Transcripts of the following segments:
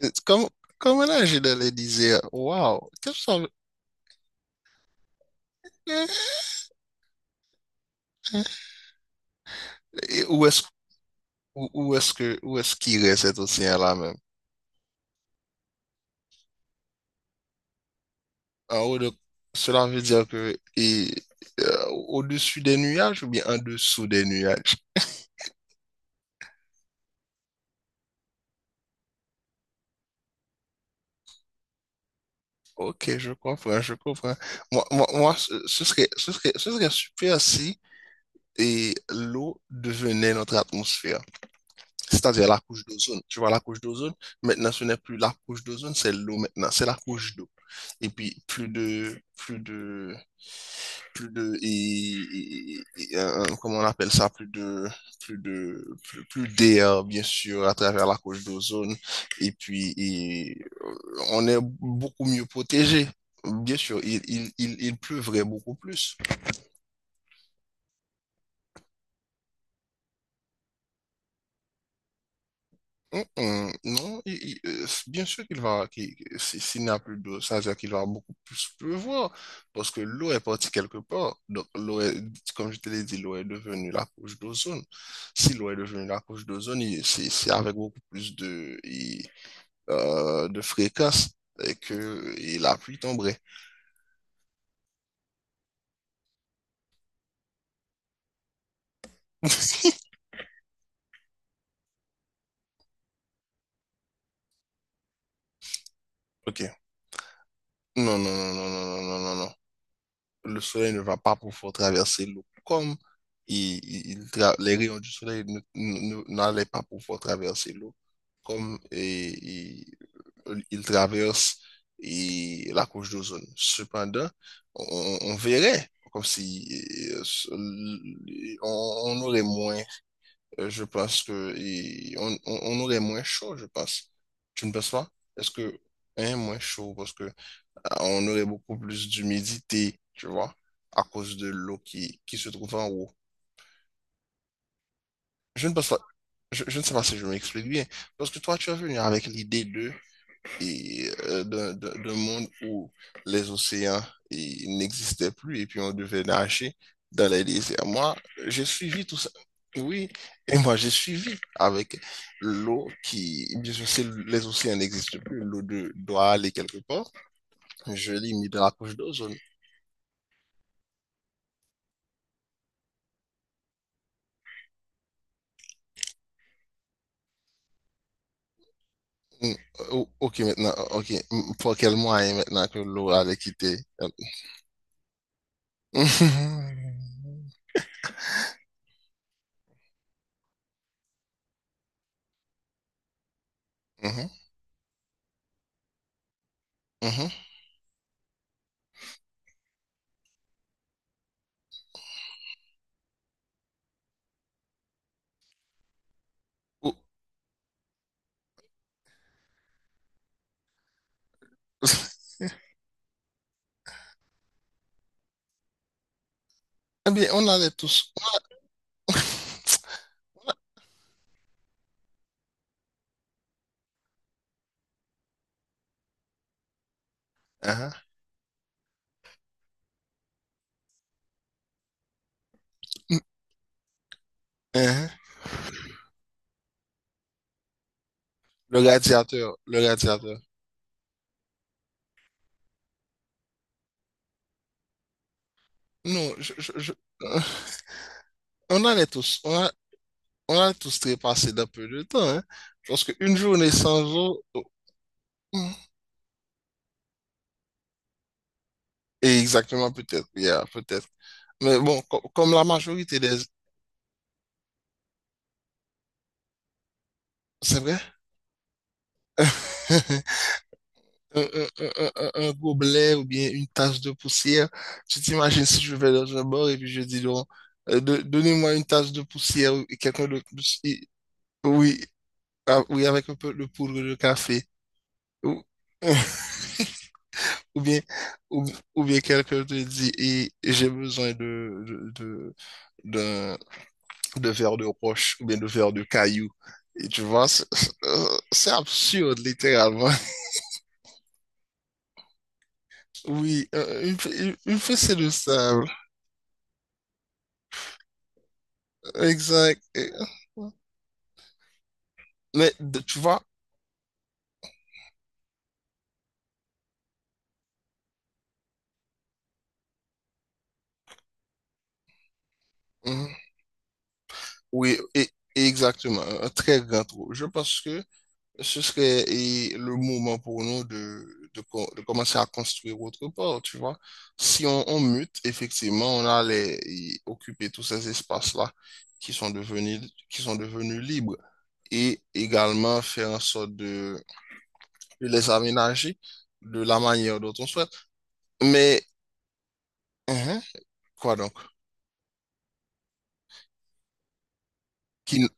It's Comme como era a Gina lhe qu'est-ce que sabe? Et où est-ce où, où est-ce que Où est-ce qu'il reste cet océan-là même? En haut de- Cela veut dire que, au-dessus des nuages ou bien en dessous des nuages? Ok, je comprends, je comprends. Moi, ce serait super si l'eau devenait notre atmosphère. C'est-à-dire la couche d'ozone. Tu vois, la couche d'ozone, maintenant, ce n'est plus la couche d'ozone, c'est l'eau maintenant, c'est la couche d'eau. Et puis, plus de, et, et- comment on appelle ça, plus d'air, bien sûr, à travers la couche d'ozone. Et puis, euh, on est beaucoup mieux protégé. Bien sûr, il pleuvrait beaucoup plus. Non, bien sûr qu'il va, qu'il- si- s'il n'y a plus d'eau, ça veut dire qu'il va beaucoup plus pleuvoir parce que l'eau est partie quelque part. Donc, l'eau est, comme je te l'ai dit, l'eau est devenue la couche d'ozone. Si l'eau est devenue la couche d'ozone, c'est avec beaucoup plus de, de fréquence, que la pluie tomberait. Ok. Non, non, non, non, non, non, non, non, non. Le soleil ne va pas pouvoir traverser l'eau. Comme les rayons du soleil n'allaient pas pouvoir traverser l'eau, comme, il traverse la couche d'ozone. Cependant, on verrait comme si on aurait moins, je pense que on aurait moins chaud, je pense. Tu ne penses pas? Est-ce que un moins chaud parce que on aurait beaucoup plus d'humidité, tu vois, à cause de l'eau qui se trouve en haut. Je ne pense pas, je ne sais pas si je m'explique bien, parce que toi, tu es venu avec l'idée de, d'un monde où les océans n'existaient plus et puis on devait nager dans les déserts. Moi, j'ai suivi tout ça. Oui, et moi j'ai suivi avec l'eau qui, bien sûr, si les océans n'existent plus, l'eau doit aller quelque part. Je limite la couche d'eau. Mm, Ok, maintenant, oh, ok. Pour quel moyen maintenant que l'eau allait quitter? Mhm, mhm, mhm. Ou- Eh bien, on allait tous. Ah, ah. Le radiateur, le radiateur. Non, On allait tous, on allait tous trépasser d'un peu de temps, hein. Parce qu'une journée sans eau, oh, hmm. Et exactement, peut-être, yeah, peut-être. Mais bon, comme la majorité des... C'est vrai? un, un, un gobelet ou bien une tasse de poussière. Tu t'imagines si je vais dans un bar et puis je dis, non, donnez-moi une tasse de poussière et quelqu'un oui, ah, oui, avec un peu de poudre de café. Ou, ou bien, ou, ou bien quelqu'un te dit, j'ai besoin de, de, d'un- de verre de roche ou bien de verre de caillou. Et tu vois, c'est absurde, littéralement. Oui, une fessée de ça. Exact. Mais tu vois, mhm, oui, et exactement, un très grand trou. Je pense que ce serait le moment pour nous de commencer à construire autre part, tu vois. Si on mute, effectivement, on allait y occuper tous ces espaces-là qui sont devenus, qui sont devenus libres et également faire en sorte de les aménager de la manière dont on souhaite. Mais, mhm, quoi donc? Qui,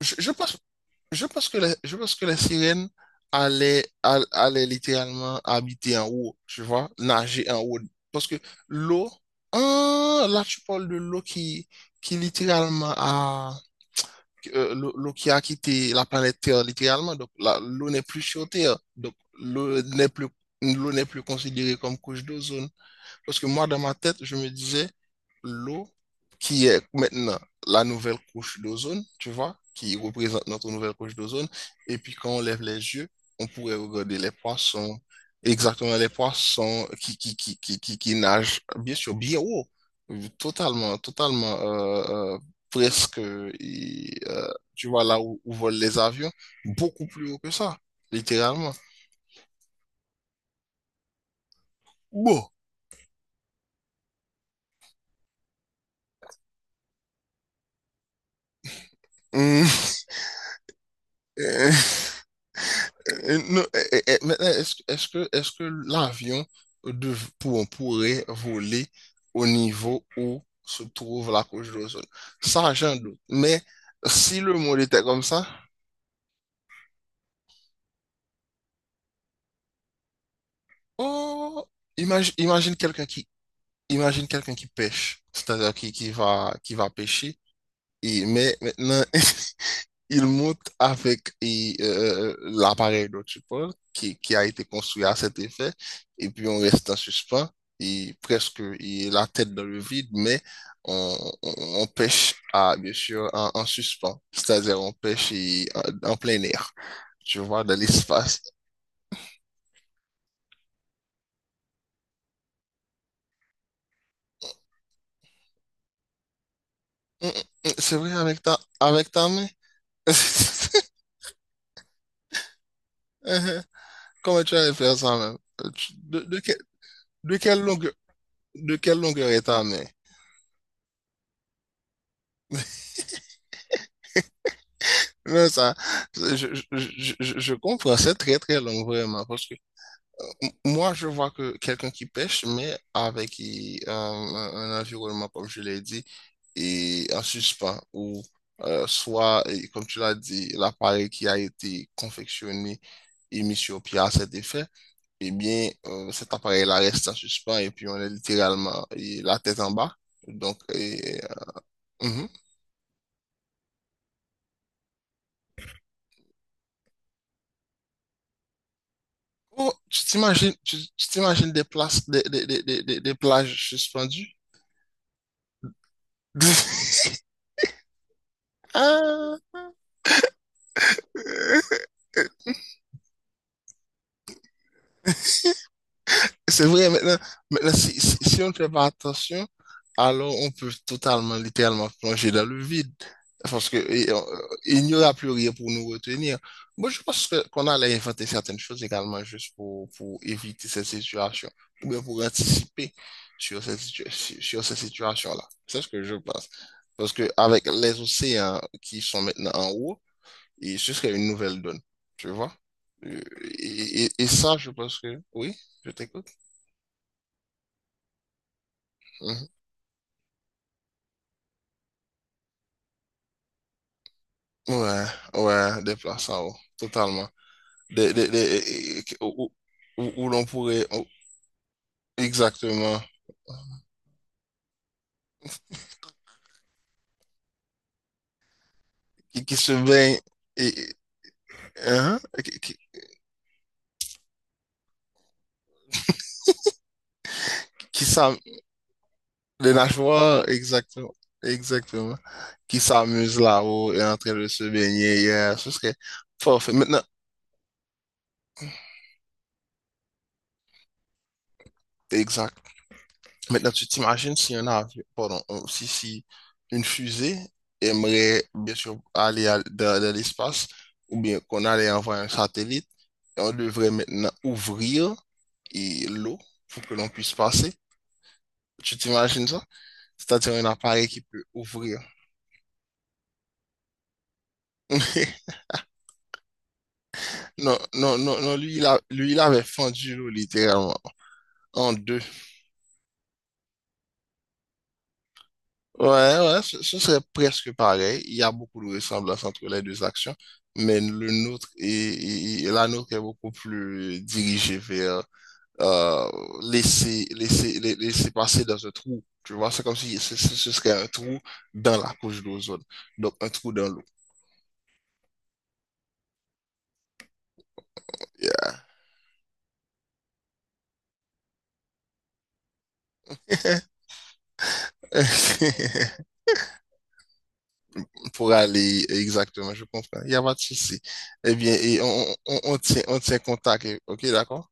je pense Je pense que les, Je pense que les sirènes allaient littéralement habiter en haut, tu vois, nager en haut. Parce que l'eau, ah, là tu parles de l'eau qui littéralement a, l'eau qui a quitté la planète Terre littéralement. Donc l'eau n'est plus sur Terre. Donc l'eau n'est plus, l'eau n'est plus considérée comme couche d'ozone. Parce que moi, dans ma tête, je me disais, l'eau qui est maintenant la nouvelle couche d'ozone, tu vois, qui représente notre nouvelle couche d'ozone, et puis quand on lève les yeux, on pourrait regarder les poissons, exactement les poissons qui nagent, bien sûr, bien haut, totalement, totalement, presque, tu vois, là où volent les avions, beaucoup plus haut que ça, littéralement. Bon. Hum. Non, maintenant, est-ce que l'avion pourrait voler au niveau où se trouve la couche d'ozone? Ça, j'en doute. Mais si le monde était comme ça, oh, imagine, imagine quelqu'un qui, imagine quelqu'un qui pêche, c'est-à-dire qui va pêcher. Mais maintenant, il monte avec l'appareil dont tu parles, qui a été construit à cet effet, et puis on reste en suspens, et presque la tête dans le vide, mais on, on, on pêche, bien sûr, en suspens, c'est-à-dire on pêche en plein air, tu vois, dans l'espace. C'est vrai, avec ta main. Uh-huh. Comment tu allais faire ça même? De quelle longueur, de quelle longueur est ta main? Non, ça, je comprends, c'est très très long vraiment, parce que moi je vois que quelqu'un qui pêche, mais avec un environnement, comme je l'ai dit, et en suspens, ou soit, et comme tu l'as dit, l'appareil qui a été confectionné et mis sur pied à cet effet, eh bien, cet appareil-là reste en suspens et puis on est littéralement et la tête en bas. Donc, mhm. Oh, tu t'imagines des, places, des plages suspendues? Ah! C'est vrai, maintenant si on ne fait pas attention, alors on peut totalement, littéralement plonger dans le vide. Parce que il n'y aura plus rien pour nous retenir. Moi, je pense que qu'on allait inventer certaines choses également juste pour éviter cette situation, ou bien pour anticiper sur sur cette situation-là. C'est ce que je pense. Parce que avec les océans qui sont maintenant en haut, ce serait une nouvelle donne. Tu vois? Euh, et ça, je pense que oui, je t'écoute. Hum. Ouais, ouais, des places en haut, totalement. Des, des, des- où où l'on pourrait. Exactement, qui se baigne, et, hein, qui s'am- les nageoires, exactement, exactement, qui s'amusent là-haut et en train de se baigner, yeah, ce serait parfait. Maintenant, exact. Maintenant, tu t'imagines si un avion, pardon, si une fusée aimerait bien sûr aller dans l'espace, ou bien qu'on allait envoyer un satellite, et on devrait maintenant ouvrir l'eau pour que l'on puisse passer. Tu t'imagines ça? C'est-à-dire un appareil qui peut ouvrir. Non, non, non, non, lui, il avait fendu l'eau littéralement en deux. Ouais, ouais, ce serait presque pareil. Il y a beaucoup de ressemblances entre les deux actions, mais le nôtre est, est- est- la nôtre est beaucoup plus dirigée vers euh, laisser passer dans un trou. Tu vois, c'est comme si ce serait un trou dans la couche d'ozone, donc un trou dans l'eau. Yeah. Pour aller exactement, je comprends. Il n'y a pas de souci. Eh bien, on tient contact. Ok, d'accord?